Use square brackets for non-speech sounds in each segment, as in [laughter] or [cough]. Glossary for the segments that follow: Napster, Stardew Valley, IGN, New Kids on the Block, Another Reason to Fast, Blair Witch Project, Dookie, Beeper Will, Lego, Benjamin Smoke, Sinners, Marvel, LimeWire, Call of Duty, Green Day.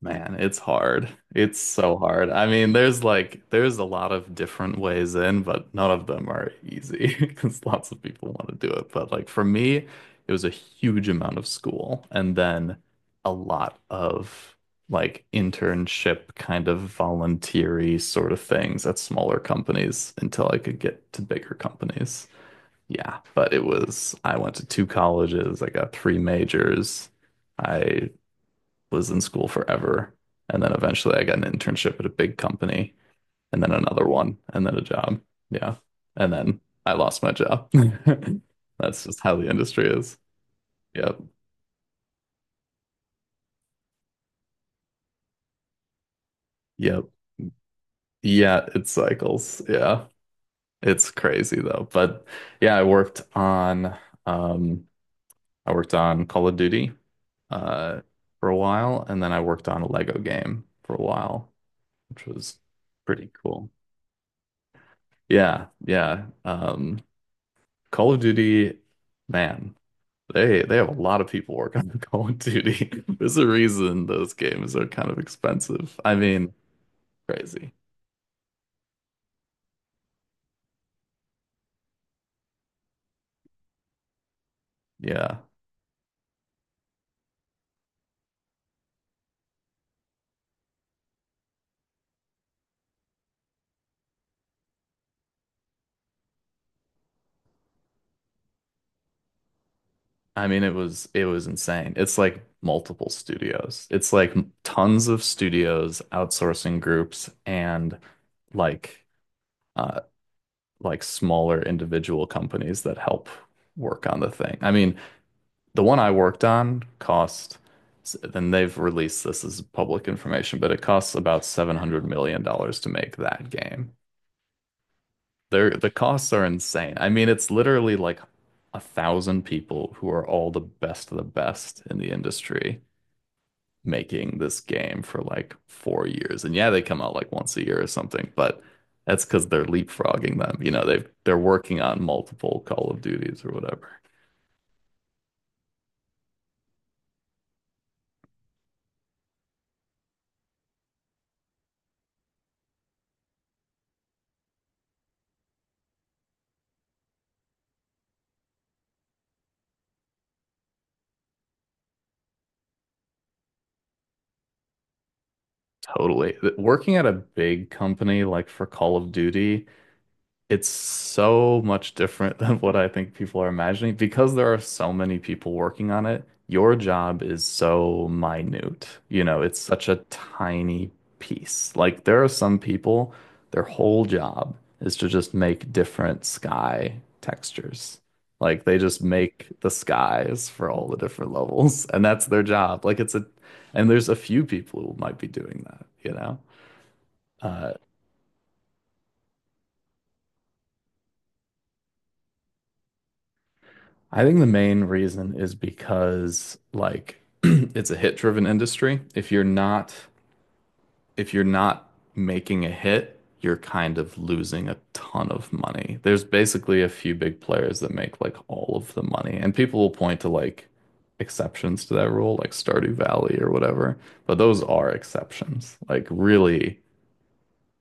Man, it's hard. It's so hard. I mean, there's like there's a lot of different ways in, but none of them are easy [laughs] because lots of people want to do it. But like for me, it was a huge amount of school and then a lot of like internship kind of volunteery sort of things at smaller companies until I could get to bigger companies. Yeah, but it was I went to two colleges, I got three majors. I was in school forever. And then eventually I got an internship at a big company and then another one and then a job. Yeah. And then I lost my job. [laughs] That's just how the industry is. Yep. Yep. Yeah, it cycles. Yeah. It's crazy though. But yeah, um I worked on Call of Duty uh for a while and then I worked on a Lego game for a while, which was pretty cool. Yeah, yeah. Call of Duty, man, they have a lot of people working on [laughs] Call of Duty. [laughs] There's a reason those games are kind of expensive. I mean, crazy. Yeah. I mean, it was insane. It's like multiple studios. It's like tons of studios, outsourcing groups, and like uh like smaller individual companies that help work on the thing. I mean, the one I worked on cost, and they've released this as public information, but it costs about $700 million to make that game. The costs are insane. I mean, it's literally like a thousand people who are all the best of the best in the industry making this game for like 4 years. And yeah, they come out like once a year or something, but that's because they're leapfrogging them. You know, they're working on multiple Call of Duties or whatever. Totally. Working at a big company like for Call of Duty, it's so much different [laughs] than what I think people are imagining because there are so many people working on it. Your job is so minute. You know, it's such a tiny piece. Like there are some people, their whole job is to just make different sky textures. Like they just make the skies for all the different levels, [laughs] and that's their job. Like and there's a few people who might be doing that, you know? Uh, I think the main reason is because like [clears throat] it's a hit-driven industry. If you're not making a hit, you're kind of losing a ton of money. There's basically a few big players that make like all of the money, and people will point to like exceptions to that rule, like Stardew Valley or whatever, but those are exceptions. Like really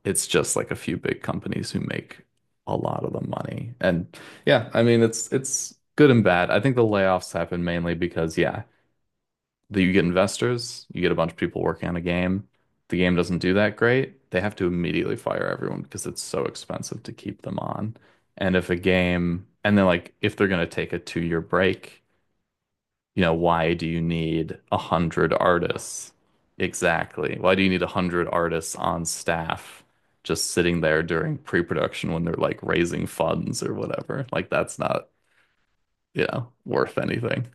it's just like a few big companies who make a lot of the money. And yeah, I mean it's good and bad. I think the layoffs happen mainly because yeah, that you get investors, you get a bunch of people working on a game. The game doesn't do that great. They have to immediately fire everyone because it's so expensive to keep them on. And then, like, if they're going to take a 2-year break, you know, why do you need a hundred artists? Exactly. Why do you need a hundred artists on staff just sitting there during pre-production when they're like raising funds or whatever? Like that's not worth anything.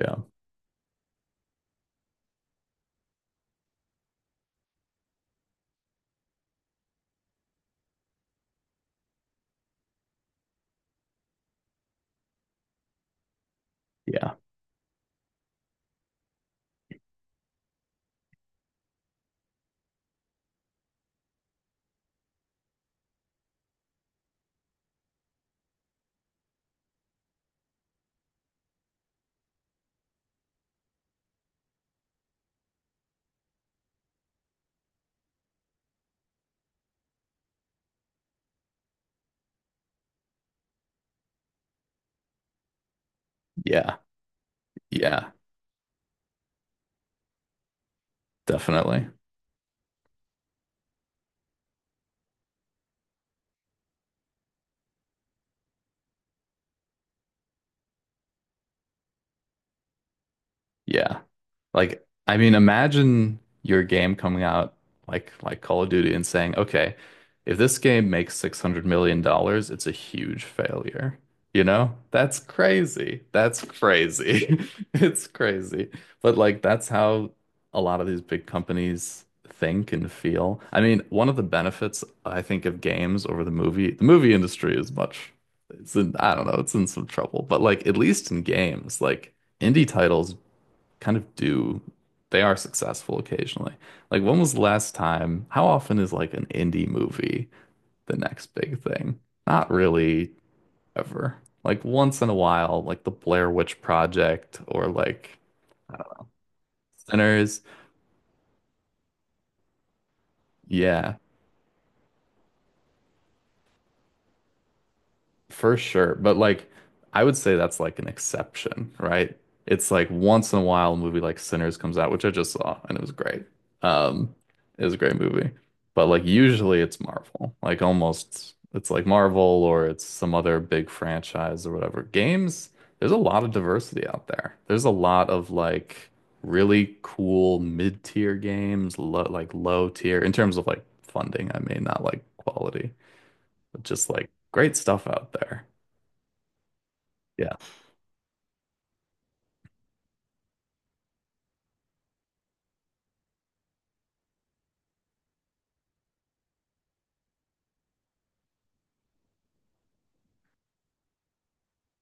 Yeah. Yeah. Yeah. Yeah. Definitely. Yeah. Like, I mean, imagine your game coming out like Call of Duty and saying, okay, if this game makes $600 million, it's a huge failure. You know? That's crazy. That's crazy. [laughs] It's crazy. But like that's how a lot of these big companies think and feel. I mean, one of the benefits I think of games over the movie industry is much it's in, I don't know, it's in some trouble, but like at least in games, like indie titles kind of do they are successful occasionally. Like when was the last time? How often is like an indie movie the next big thing? Not really ever. Like once in a while, like the Blair Witch Project or like Sinners. Yeah, for sure. But like I would say that's like an exception, right? It's like once in a while a movie like Sinners comes out, which I just saw and it was great. Um it was a great movie. But like usually it's Marvel. Like almost it's like Marvel or it's some other big franchise or whatever. Games, there's a lot of diversity out there. There's a lot of like really cool mid-tier games, like low tier in terms of like funding, I mean, not like quality, but just like great stuff out there. Yeah. [laughs]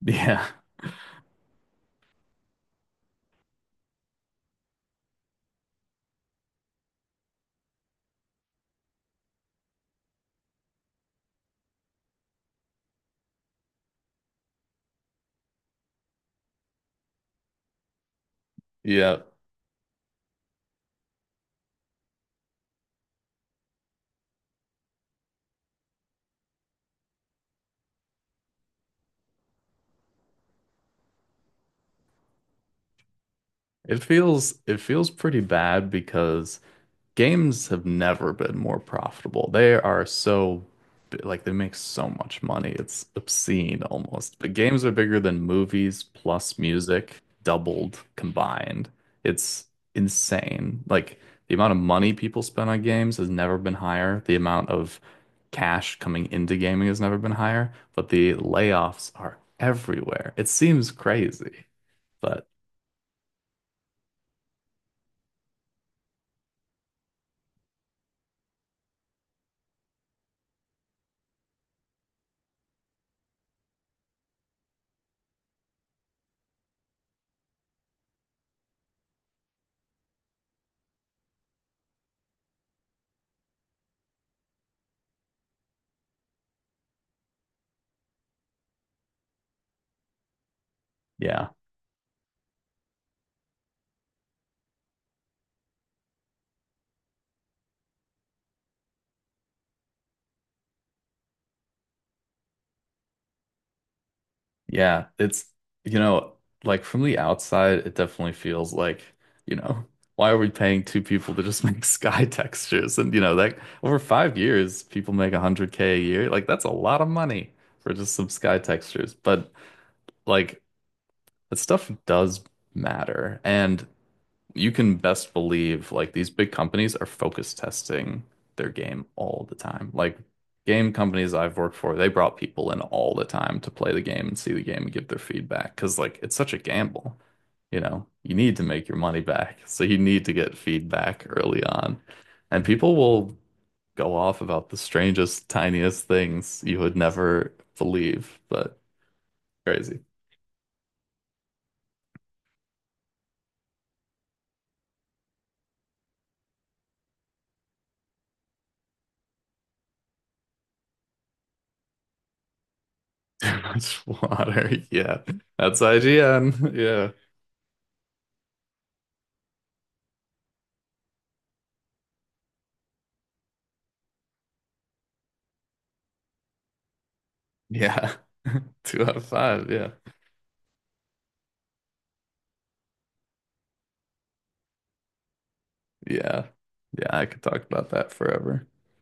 Yeah. Yeah. It feels pretty bad because games have never been more profitable. They are so like they make so much money. It's obscene almost. But games are bigger than movies plus music doubled combined. It's insane. Like the amount of money people spend on games has never been higher. The amount of cash coming into gaming has never been higher, but the layoffs are everywhere. It seems crazy. But yeah, yeah, it's, you know, like from the outside, it definitely feels like, you know, [laughs] why are we paying two people to just make [laughs] sky textures? And that over 5 years, people make 100K a year. Like, that's a lot of money for just some sky textures. But, like, that stuff does matter. And you can best believe like these big companies are focus testing their game all the time. Like game companies I've worked for, they brought people in all the time to play the game and see the game and give their feedback because like it's such a gamble. You know, you need to make your money back. [laughs] So you need to get feedback early on. And people will go off about the strangest, tiniest things you would never believe, but crazy. [laughs] Too much water. [laughs] Yeah. That's IGN. [laughs] Yeah. Yeah. [laughs] Two out of five. Yeah. Yeah. Yeah. I could talk about that forever.